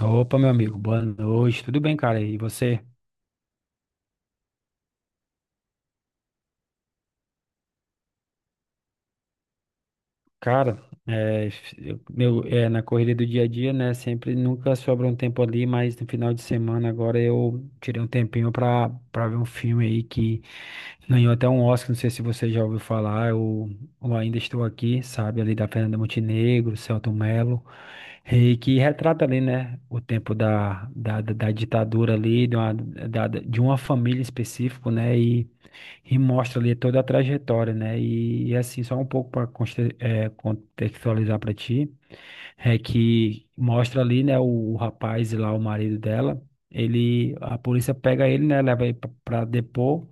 Opa, meu amigo, boa noite, tudo bem, cara? E você? Cara, é, eu- meu, é, Na corrida do dia a dia, né? Sempre nunca sobra um tempo ali, mas no final de semana agora eu tirei um tempinho pra ver um filme aí que ganhou até um Oscar, não sei se você já ouviu falar, eu ainda estou aqui, sabe? Ali da Fernanda Montenegro, Selton Mello, e que retrata ali, né? O tempo da ditadura ali, de uma família específica, né? E mostra ali toda a trajetória, né? E assim, só um pouco para contextualizar para ti, é que mostra ali, né, o rapaz e lá o marido dela, ele, a polícia pega ele, né, leva ele para depor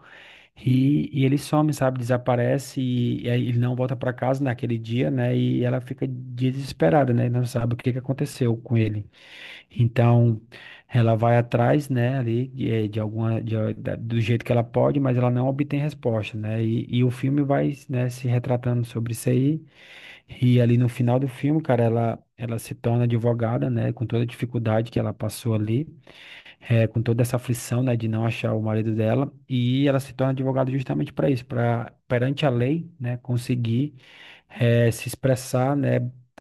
e ele some, sabe, desaparece e aí ele não volta para casa naquele dia, né? E ela fica desesperada, né? Não sabe o que que aconteceu com ele. Então, ela vai atrás, né, ali, eh, de alguma, de a- da- do jeito que ela pode, mas ela não obtém resposta, né? E o filme vai, né, se retratando sobre isso aí. E ali no final do filme, cara, ela se torna advogada, né, com toda a dificuldade que ela passou ali com toda essa aflição, né, de não achar o marido dela, e ela se torna advogada justamente para isso, para perante a lei, né, conseguir se expressar, né,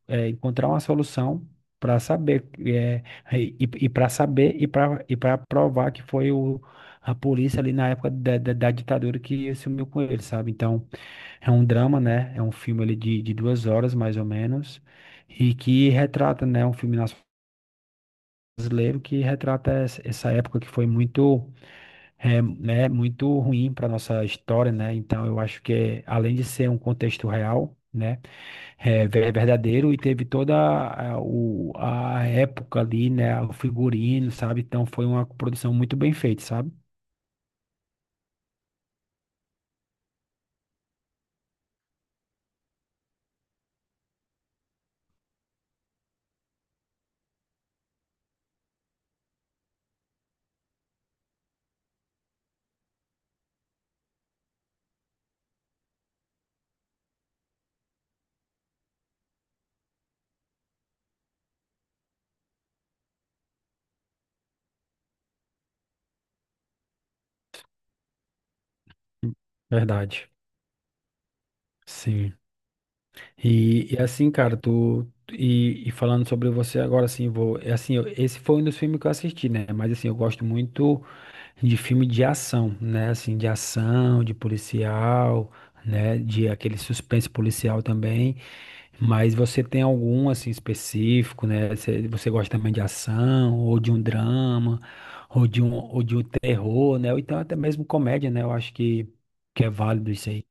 encontrar uma solução para saber e, para saber e para provar que foi o a polícia ali na época da ditadura que sumiu com ele, sabe? Então, é um drama, né? É um filme ali de duas horas, mais ou menos, e que retrata, né, um filme brasileiro que retrata essa época que foi muito, é, né, muito ruim para nossa história, né? Então eu acho que é, além de ser um contexto real, né, é verdadeiro e teve toda a época ali, né, o figurino, sabe? Então foi uma produção muito bem feita, sabe? Verdade. Sim. E assim, cara, tu. E falando sobre você agora, assim, vou. É Assim, esse foi um dos filmes que eu assisti, né? Mas assim, eu gosto muito de filme de ação, né? Assim, de ação, de policial, né? De aquele suspense policial também. Mas você tem algum assim específico, né? Você gosta também de ação, ou de um drama, ou de um terror, né? Ou então até mesmo comédia, né? Eu acho que é válido isso aí.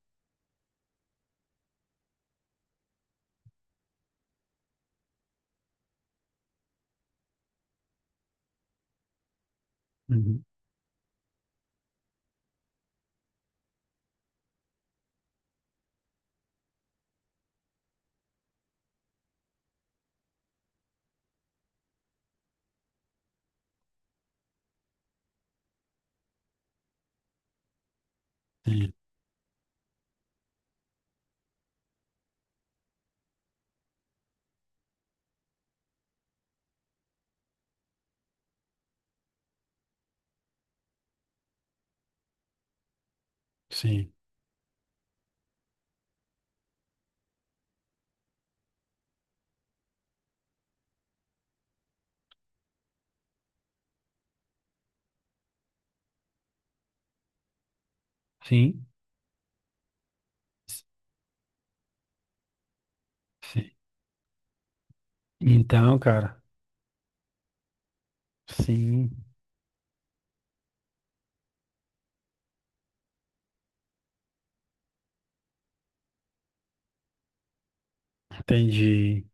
Uhum. Sim, sim, sim, sim. Então, cara, sim, entendi.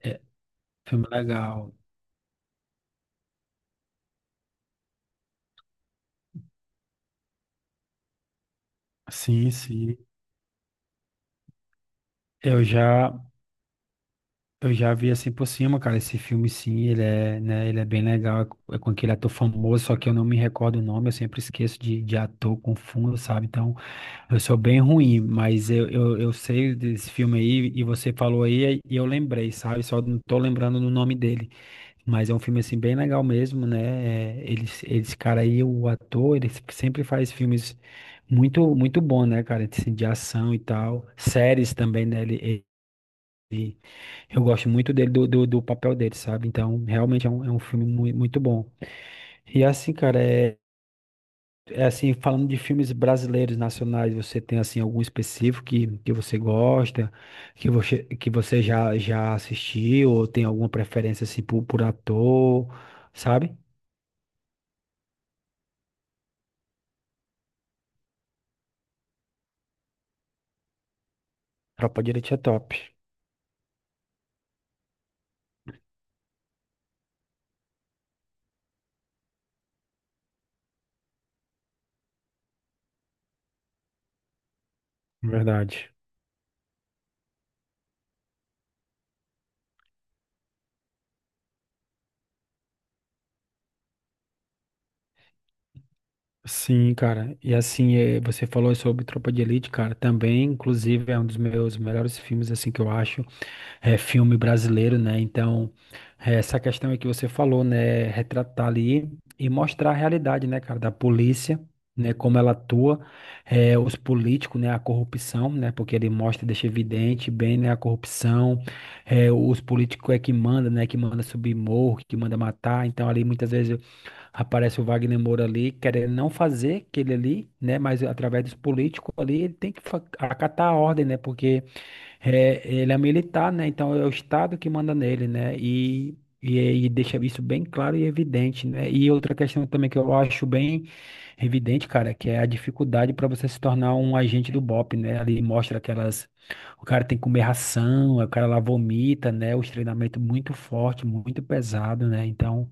É filme legal. Sim, sim. Eu já. Eu já vi assim por cima, cara, esse filme sim, ele é, né, ele é bem legal, é com aquele ator famoso, só que eu não me recordo o nome, eu sempre esqueço de ator, confundo, sabe? Então, eu sou bem ruim, mas eu sei desse filme aí, e você falou aí, e eu lembrei, sabe? Só não tô lembrando do nome dele, mas é um filme assim bem legal mesmo, né? É, ele, esse cara aí, o ator, ele sempre faz filmes muito, muito bom, né, cara? Assim, de ação e tal, séries também, né? Ele- eu gosto muito dele, do papel dele, sabe? Então, realmente é um filme muito bom. E assim, cara, é, é assim, falando de filmes brasileiros, nacionais, você tem, assim, algum específico que você gosta, que você já, já assistiu, ou tem alguma preferência, assim, por ator, sabe? Tropa de Elite é top, verdade. Sim, cara. E assim, você falou sobre Tropa de Elite, cara, também, inclusive, é um dos meus melhores filmes, assim, que eu acho. É filme brasileiro, né? Então, é, essa questão aí que você falou, né? Retratar ali e mostrar a realidade, né, cara, da polícia, né? Como ela atua, é, os políticos, né? A corrupção, né? Porque ele mostra, deixa evidente bem, né? A corrupção, é, os políticos é que manda, né? Que manda subir morro, que manda matar. Então, ali muitas vezes aparece o Wagner Moura ali, querendo não fazer aquele ali, né? Mas através dos políticos ali, ele tem que acatar a ordem, né? Porque é, ele é militar, né? Então é o Estado que manda nele, né? E, e deixa isso bem claro e evidente, né? E outra questão também que eu acho bem evidente, cara, que é a dificuldade para você se tornar um agente do BOP, né? Ali mostra aquelas. O cara tem que comer ração, o cara lá vomita, né? Os treinamentos muito forte, muito pesado, né? Então.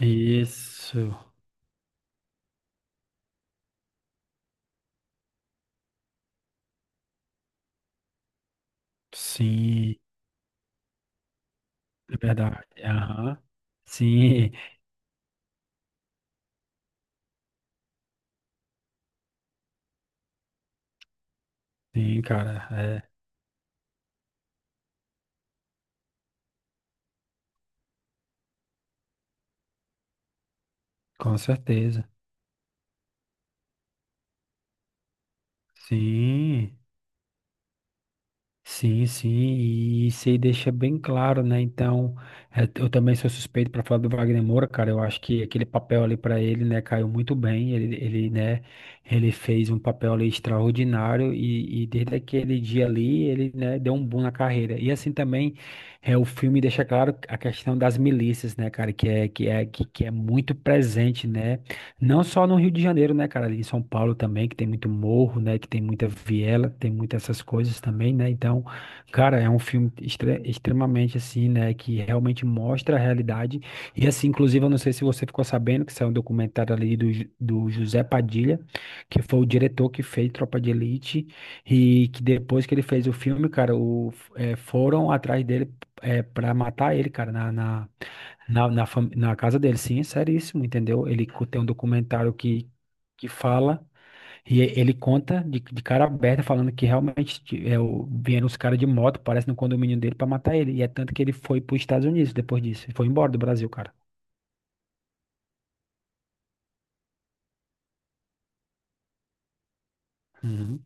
Isso, sim, é verdade. Aham. Sim, sim, cara, é, com certeza. Sim. Sim, sim, e isso aí deixa bem claro, né? Então, é, eu também sou suspeito para falar do Wagner Moura, cara. Eu acho que aquele papel ali para ele, né, caiu muito bem. Né, ele fez um papel ali extraordinário e desde aquele dia ali, ele, né, deu um boom na carreira. E assim também, é, o filme deixa claro a questão das milícias, né, cara, que é muito presente, né? Não só no Rio de Janeiro, né, cara? Ali em São Paulo também, que tem muito morro, né? Que tem muita viela, tem muitas essas coisas também, né? Então, cara, é um filme extremamente assim, né? Que realmente mostra a realidade. E assim, inclusive, eu não sei se você ficou sabendo que saiu um documentário ali do, do José Padilha, que foi o diretor que fez Tropa de Elite, e que depois que ele fez o filme, cara, o, foram atrás dele é, para matar ele, cara, na casa dele, sim, é seríssimo, entendeu? Ele tem um documentário que fala, e ele conta de cara aberta, falando que realmente vieram os caras de moto, parece no condomínio dele, pra matar ele. E é tanto que ele foi pros Estados Unidos depois disso. Ele foi embora do Brasil, cara. Uhum,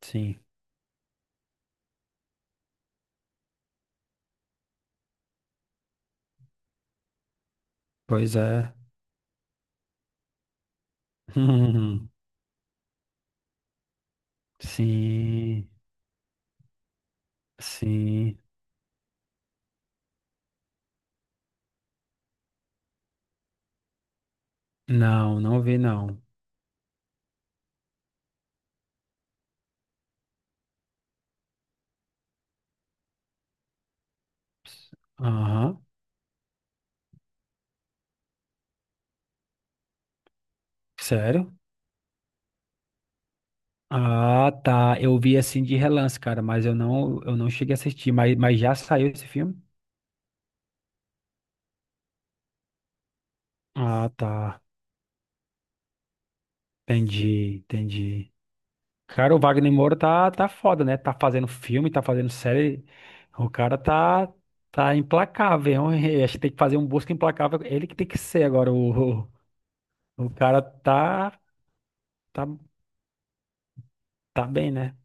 sim, pois é. Uhum, sim, sim. Não, não vi, não. Aham, sério? Ah, tá. Eu vi assim de relance, cara, mas eu não cheguei a assistir. Mas já saiu esse filme? Ah, tá. Entendi, entendi. Cara, o Wagner Moura tá foda, né? Tá fazendo filme, tá fazendo série. O cara tá, tá implacável, hein? Acho que tem que fazer um busca implacável. Ele que tem que ser agora. O cara tá, tá bem, né?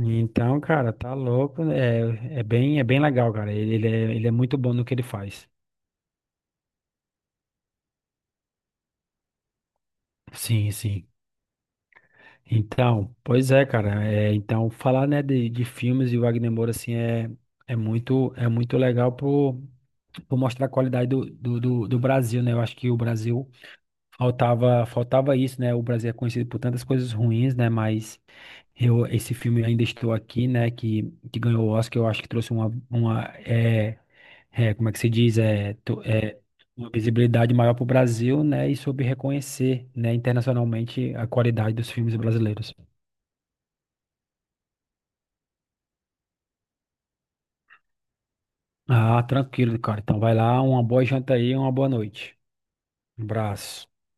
Então, cara, tá louco. É bem legal, cara. Ele é muito bom no que ele faz. Sim, sim. Então, pois é, cara. É, então, falar, né, de filmes e Wagner Moura, assim, é, é muito legal por mostrar a qualidade do Brasil, né? Eu acho que o Brasil faltava isso, né? O Brasil é conhecido por tantas coisas ruins, né? Mas eu, esse filme Ainda Estou Aqui, né, que ganhou o Oscar, eu acho que trouxe uma é, é, como é que se diz? Uma visibilidade maior para o Brasil, né, e soube reconhecer, né, internacionalmente a qualidade dos filmes brasileiros. Ah, tranquilo, cara. Então vai lá, uma boa janta aí, uma boa noite. Um abraço.